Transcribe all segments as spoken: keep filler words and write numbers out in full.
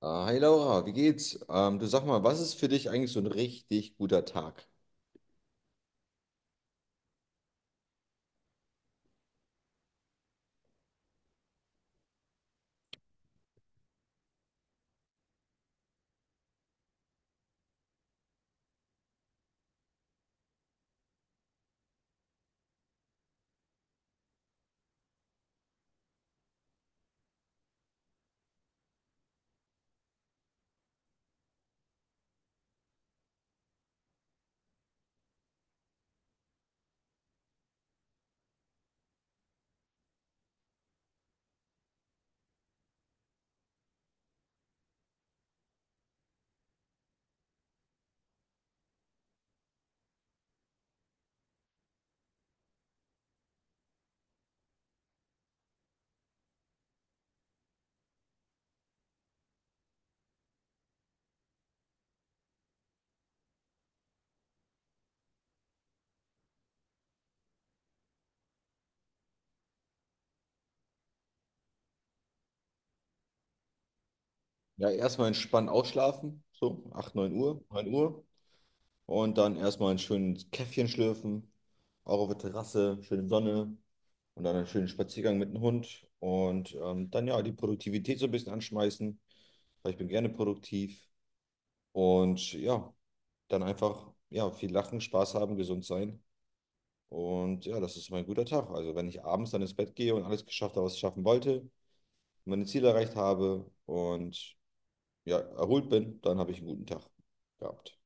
Ah, hi Laura, wie geht's? Ähm, du sag mal, was ist für dich eigentlich so ein richtig guter Tag? Ja, erstmal entspannt ausschlafen, so acht neun Uhr, neun Uhr. Und dann erstmal ein schönes Käffchen schlürfen, auch auf der Terrasse, schöne Sonne und dann einen schönen Spaziergang mit dem Hund. Und ähm, dann ja, die Produktivität so ein bisschen anschmeißen, weil ich bin gerne produktiv. Und ja, dann einfach ja, viel lachen, Spaß haben, gesund sein. Und ja, das ist mein guter Tag. Also wenn ich abends dann ins Bett gehe und alles geschafft habe, was ich schaffen wollte, meine Ziele erreicht habe und ja, erholt bin, dann habe ich einen guten Tag gehabt.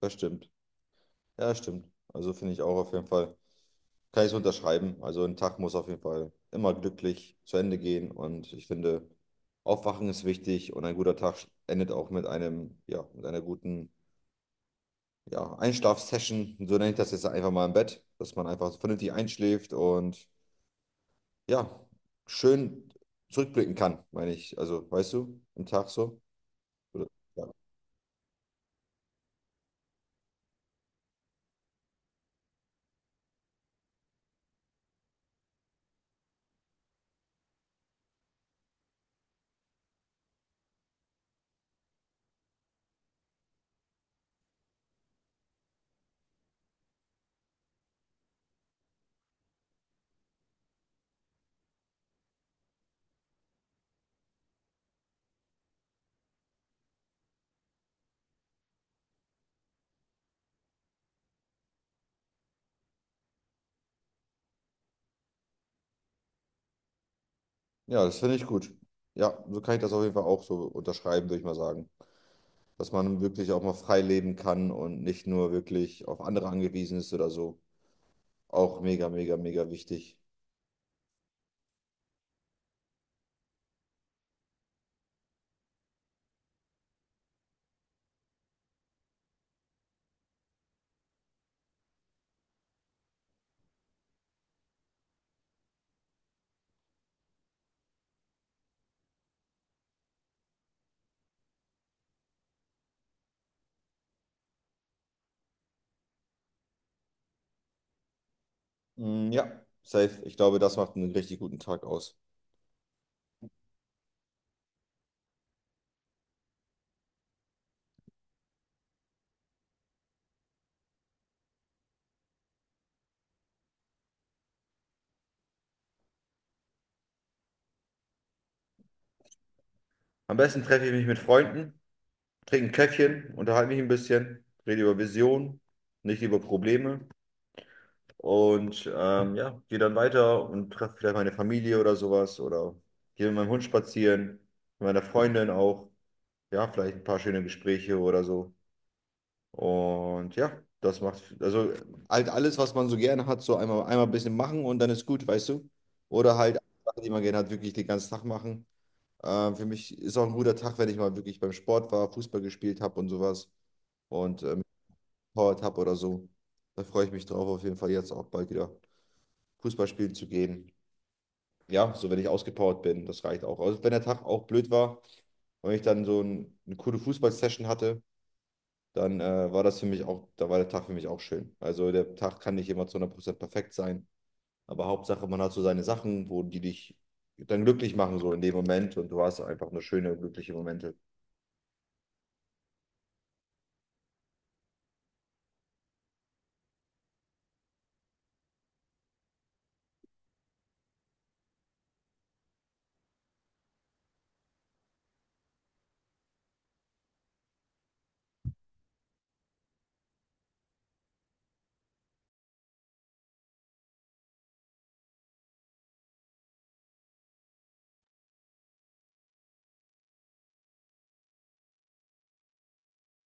Das stimmt. Ja, das stimmt. Also finde ich auch auf jeden Fall, kann ich es unterschreiben. Also ein Tag muss auf jeden Fall immer glücklich zu Ende gehen und ich finde, Aufwachen ist wichtig und ein guter Tag endet auch mit einem, ja, mit einer guten, ja, Einschlafsession. So nenne ich das jetzt einfach mal im Bett, dass man einfach vernünftig einschläft und ja, schön zurückblicken kann, meine ich. Also, weißt du, im Tag so. Oder, ja. Ja, das finde ich gut. Ja, so kann ich das auf jeden Fall auch so unterschreiben, würde ich mal sagen. Dass man wirklich auch mal frei leben kann und nicht nur wirklich auf andere angewiesen ist oder so. Auch mega, mega, mega wichtig. Mm, ja, safe. Ich glaube, das macht einen richtig guten Tag aus. Am besten treffe ich mich mit Freunden, trinke ein Käffchen, unterhalte mich ein bisschen, rede über Visionen, nicht über Probleme. Und ähm, ja, gehe dann weiter und treffe vielleicht meine Familie oder sowas oder gehe mit meinem Hund spazieren, mit meiner Freundin auch. Ja, vielleicht ein paar schöne Gespräche oder so. Und ja, das macht, also halt alles, was man so gerne hat, so einmal, einmal ein bisschen machen und dann ist gut, weißt du? Oder halt Sachen, die man gerne hat, wirklich den ganzen Tag machen. Äh, für mich ist auch ein guter Tag, wenn ich mal wirklich beim Sport war, Fußball gespielt habe und sowas und ähm, gepowert habe oder so. Da freue ich mich drauf, auf jeden Fall jetzt auch bald wieder Fußball spielen zu gehen. Ja, so wenn ich ausgepowert bin, das reicht auch. Also wenn der Tag auch blöd war und ich dann so ein, eine coole Fußballsession hatte, dann äh, war das für mich auch, da war der Tag für mich auch schön. Also der Tag kann nicht immer zu hundert Prozent perfekt sein, aber Hauptsache, man hat so seine Sachen, wo die dich dann glücklich machen, so in dem Moment und du hast einfach nur schöne, glückliche Momente.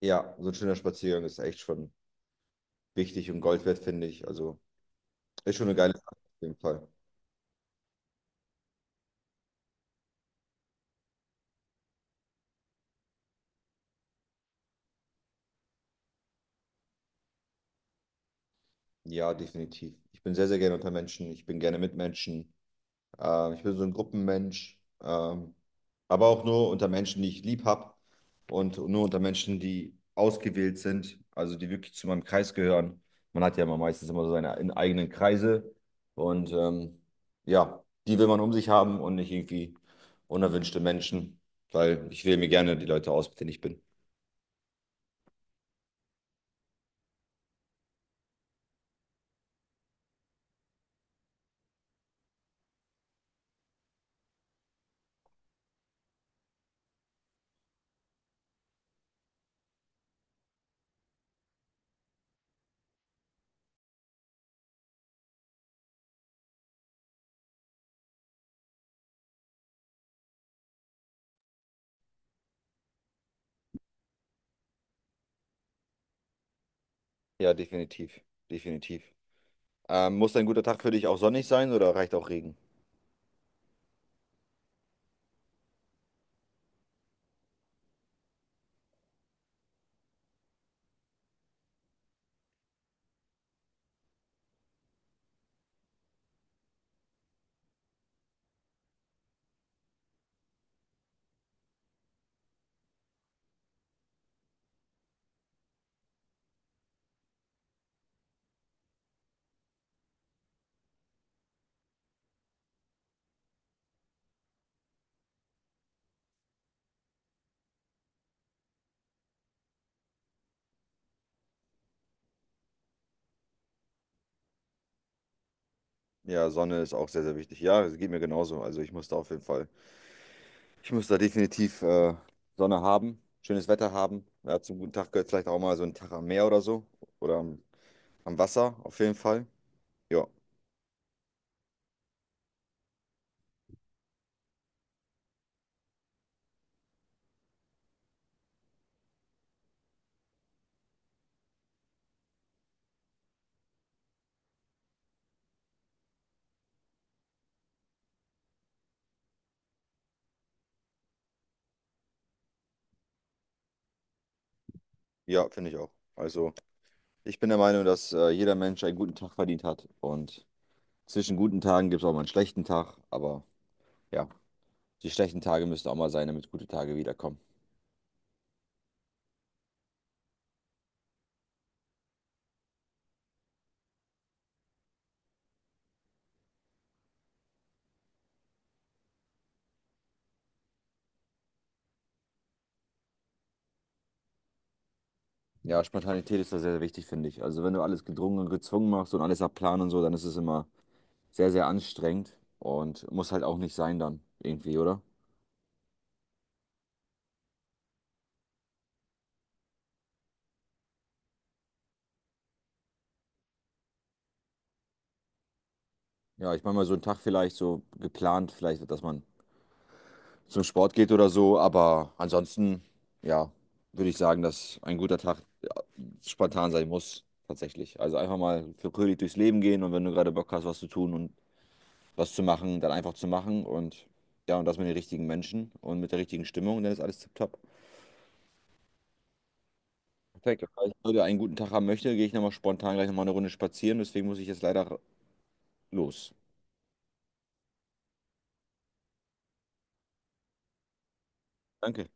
Ja, so ein schöner Spaziergang ist echt schon wichtig und Gold wert, finde ich. Also ist schon eine geile Sache auf jeden Fall. Ja, definitiv. Ich bin sehr, sehr gerne unter Menschen. Ich bin gerne mit Menschen. Äh, ich bin so ein Gruppenmensch, ähm, aber auch nur unter Menschen, die ich lieb habe und nur unter Menschen, die ausgewählt sind, also die wirklich zu meinem Kreis gehören. Man hat ja immer meistens immer so seine in- eigenen Kreise und ähm, ja, die will man um sich haben und nicht irgendwie unerwünschte Menschen, weil ich wähle mir gerne die Leute aus, mit denen ich bin. Ja, definitiv, definitiv. Ähm, muss ein guter Tag für dich auch sonnig sein oder reicht auch Regen? Ja, Sonne ist auch sehr, sehr wichtig. Ja, es geht mir genauso. Also ich muss da auf jeden Fall. Ich muss da definitiv äh, Sonne haben, schönes Wetter haben. Ja, zum guten Tag gehört vielleicht auch mal so ein Tag am Meer oder so. Oder am, am Wasser auf jeden Fall. Ja, ja, finde ich auch. Also ich bin der Meinung, dass äh, jeder Mensch einen guten Tag verdient hat. Und zwischen guten Tagen gibt es auch mal einen schlechten Tag. Aber ja, die schlechten Tage müssen auch mal sein, damit gute Tage wiederkommen. Ja, Spontanität ist da sehr, sehr wichtig, finde ich. Also wenn du alles gedrungen und gezwungen machst und alles nach Plan und so, dann ist es immer sehr, sehr anstrengend und muss halt auch nicht sein dann irgendwie, oder? Ja, ich meine mal so einen Tag vielleicht so geplant, vielleicht, dass man zum Sport geht oder so, aber ansonsten, ja, würde ich sagen, dass ein guter Tag ja, spontan sein muss, tatsächlich. Also einfach mal für fröhlich durchs Leben gehen und wenn du gerade Bock hast, was zu tun und was zu machen, dann einfach zu machen und ja, und das mit den richtigen Menschen und mit der richtigen Stimmung, dann ist alles tipptopp. Perfekt. Falls ich heute einen guten Tag haben möchte, gehe ich nochmal spontan gleich nochmal eine Runde spazieren, deswegen muss ich jetzt leider los. Danke.